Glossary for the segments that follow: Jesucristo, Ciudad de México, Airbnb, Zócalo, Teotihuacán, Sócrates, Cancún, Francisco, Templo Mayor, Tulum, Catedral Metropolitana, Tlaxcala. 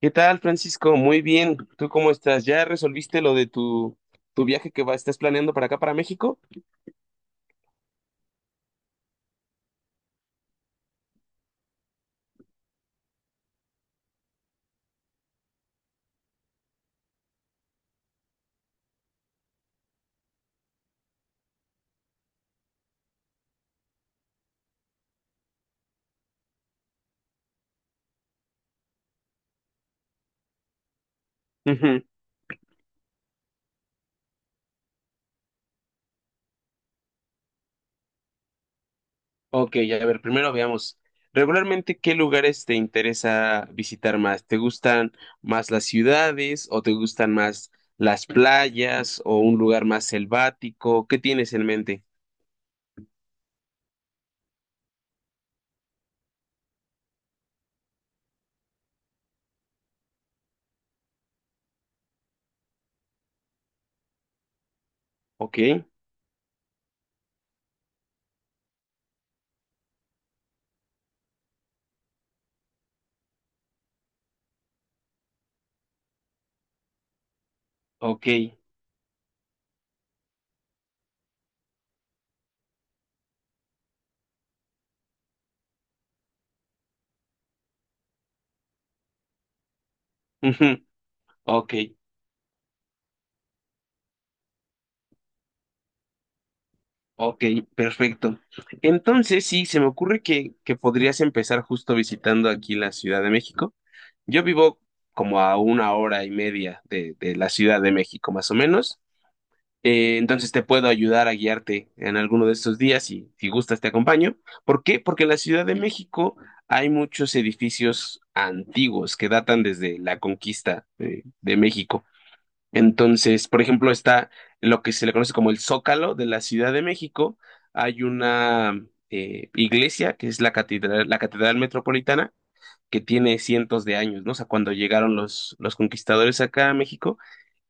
¿Qué tal, Francisco? Muy bien. ¿Tú cómo estás? ¿Ya resolviste lo de tu viaje que va, estás planeando para acá, para México? Ujú. Ok, a ver, primero veamos. Regularmente, ¿qué lugares te interesa visitar más? ¿Te gustan más las ciudades o te gustan más las playas o un lugar más selvático? ¿Qué tienes en mente? Ok, ok, ujú, ok, ok, perfecto. Entonces, sí, se me ocurre que podrías empezar justo visitando aquí la Ciudad de México. Yo vivo como a 1 hora y media de la Ciudad de México, más o menos. Entonces te puedo ayudar a guiarte en alguno de estos días y si gustas te acompaño. ¿Por qué? Porque en la Ciudad de México hay muchos edificios antiguos que datan desde la conquista de México. Entonces, por ejemplo, está lo que se le conoce como el Zócalo de la Ciudad de México. Hay una iglesia que es la Catedral Metropolitana que tiene cientos de años, ¿no? O sea, cuando llegaron los conquistadores acá a México,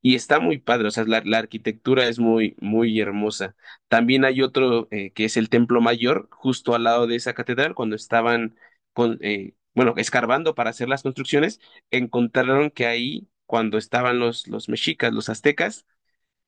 y está muy padre, o sea, la arquitectura es muy, muy hermosa. También hay otro que es el Templo Mayor, justo al lado de esa catedral, cuando estaban con, bueno, escarbando para hacer las construcciones, encontraron que ahí, cuando estaban los mexicas, los aztecas,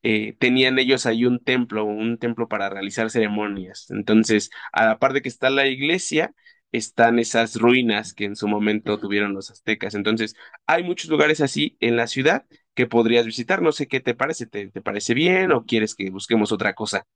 tenían ellos ahí un templo para realizar ceremonias. Entonces, a la par de que está la iglesia, están esas ruinas que en su momento tuvieron los aztecas. Entonces, hay muchos lugares así en la ciudad que podrías visitar. No sé qué te parece, ¿te, te parece bien o quieres que busquemos otra cosa?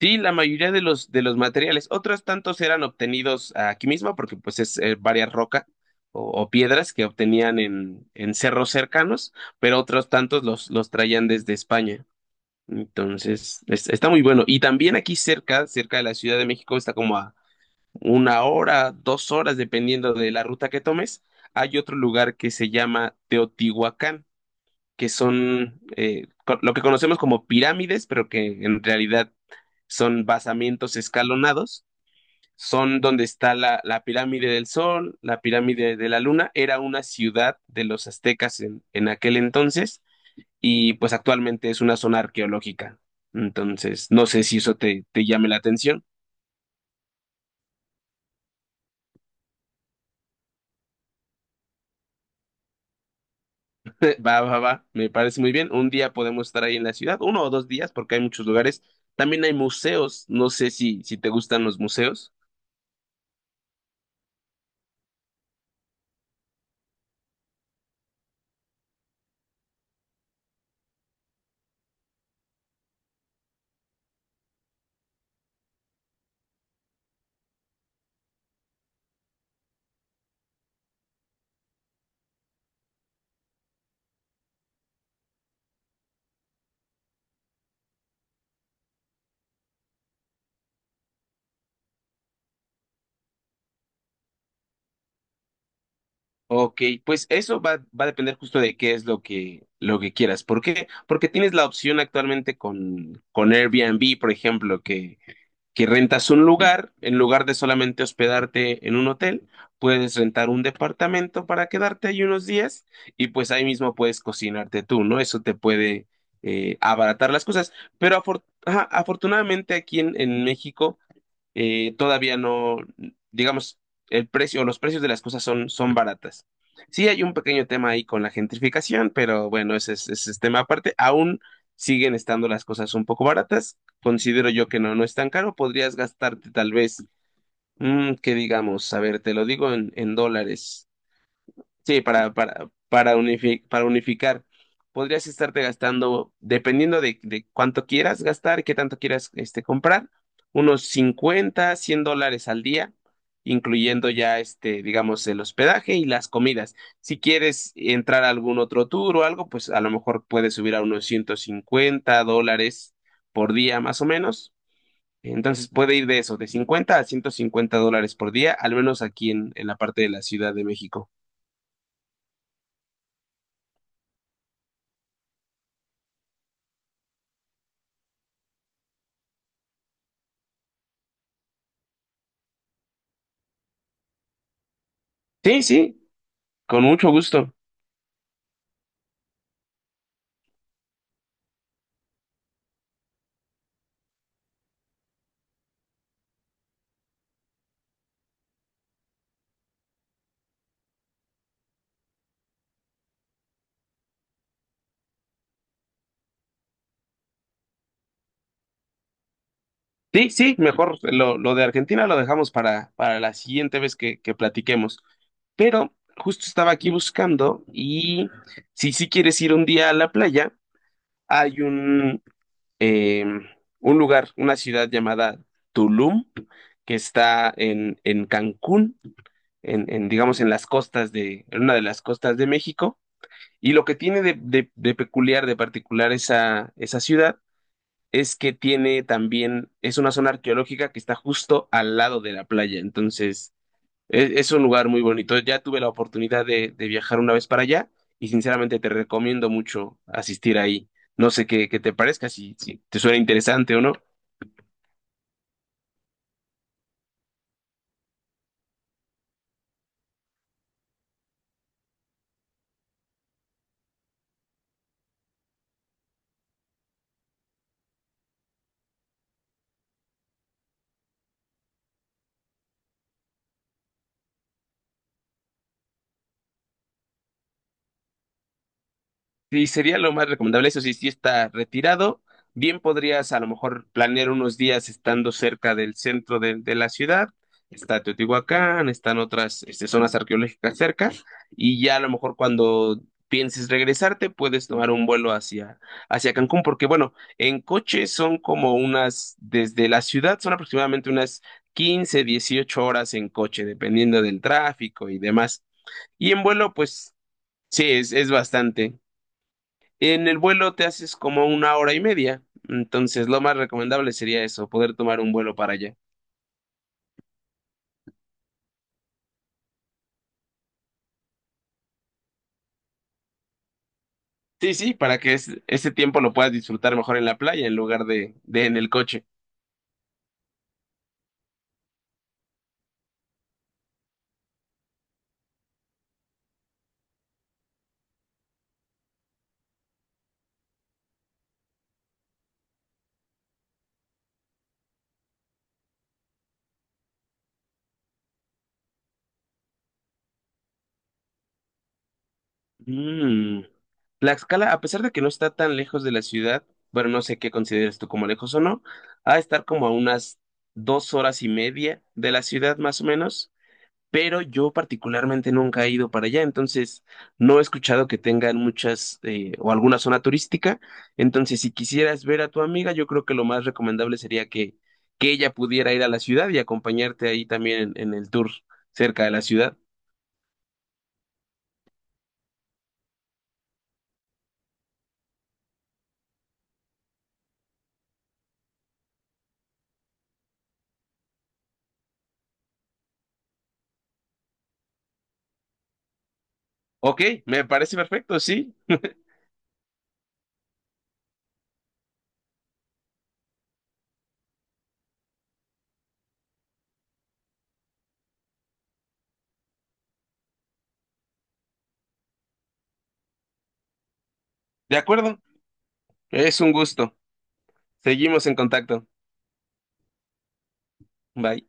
Sí, la mayoría de los materiales, otros tantos eran obtenidos aquí mismo, porque pues es varias rocas o piedras que obtenían en cerros cercanos, pero otros tantos los traían desde España. Entonces, está muy bueno. Y también aquí cerca, cerca de la Ciudad de México, está como a una hora, dos horas, dependiendo de la ruta que tomes, hay otro lugar que se llama Teotihuacán, que son lo que conocemos como pirámides, pero que en realidad son basamientos escalonados, son donde está la pirámide del Sol, la pirámide de la Luna, era una ciudad de los aztecas en aquel entonces y pues actualmente es una zona arqueológica. Entonces, no sé si eso te, te llame la atención. Va, va, va, me parece muy bien. Un día podemos estar ahí en la ciudad, uno o dos días, porque hay muchos lugares. También hay museos, no sé si, si te gustan los museos. Ok, pues eso va, va a depender justo de qué es lo que quieras. ¿Por qué? Porque tienes la opción actualmente con Airbnb, por ejemplo, que rentas un lugar, en lugar de solamente hospedarte en un hotel, puedes rentar un departamento para quedarte ahí unos días y pues ahí mismo puedes cocinarte tú, ¿no? Eso te puede abaratar las cosas. Pero ajá, afortunadamente aquí en México todavía no, digamos, el precio, los precios de las cosas son, son baratas. Sí hay un pequeño tema ahí con la gentrificación, pero bueno, ese es tema aparte. Aún siguen estando las cosas un poco baratas. Considero yo que no, no es tan caro. Podrías gastarte tal vez, que digamos, a ver, te lo digo en dólares. Sí, para, para unificar. Podrías estarte gastando, dependiendo de cuánto quieras gastar, qué tanto quieras este, comprar, unos 50 100 dólares al día, incluyendo ya, este, digamos, el hospedaje y las comidas. Si quieres entrar a algún otro tour o algo, pues a lo mejor puedes subir a unos $150 por día, más o menos. Entonces puede ir de eso, de 50 a $150 por día, al menos aquí en la parte de la Ciudad de México. Sí, sí, con mucho gusto. Sí, sí, mejor lo de Argentina lo dejamos para la siguiente vez que platiquemos. Pero justo estaba aquí buscando y si sí quieres ir un día a la playa, hay eh, un lugar, una ciudad llamada Tulum, que está en Cancún, en, digamos en las costas de, en una de las costas de México. Y lo que tiene de, de peculiar, de particular esa, esa ciudad es que tiene también, es una zona arqueológica que está justo al lado de la playa, entonces es un lugar muy bonito. Ya tuve la oportunidad de viajar una vez para allá y sinceramente te recomiendo mucho asistir ahí. No sé qué, qué te parezca, si, si te suena interesante o no. Sí, sería lo más recomendable. Eso sí, si está retirado, bien podrías a lo mejor planear unos días estando cerca del centro de la ciudad. Está Teotihuacán, están otras este, zonas arqueológicas cerca, y ya a lo mejor cuando pienses regresarte, puedes tomar un vuelo hacia, hacia Cancún, porque bueno, en coche son como unas, desde la ciudad son aproximadamente unas 15 a 18 horas en coche, dependiendo del tráfico y demás. Y en vuelo, pues sí, es bastante. En el vuelo te haces como 1 hora y media, entonces lo más recomendable sería eso, poder tomar un vuelo para allá. Sí, sí, para que ese tiempo lo puedas disfrutar mejor en la playa en lugar de en el coche. Mm. Tlaxcala, a pesar de que no está tan lejos de la ciudad, bueno, no sé qué consideres tú como lejos o no, ha de estar como a unas 2 horas y media de la ciudad más o menos. Pero yo particularmente nunca he ido para allá, entonces no he escuchado que tengan muchas o alguna zona turística, entonces si quisieras ver a tu amiga, yo creo que lo más recomendable sería que ella pudiera ir a la ciudad y acompañarte ahí también en el tour cerca de la ciudad. Ok, me parece perfecto, sí, de acuerdo, es un gusto. Seguimos en contacto. Bye.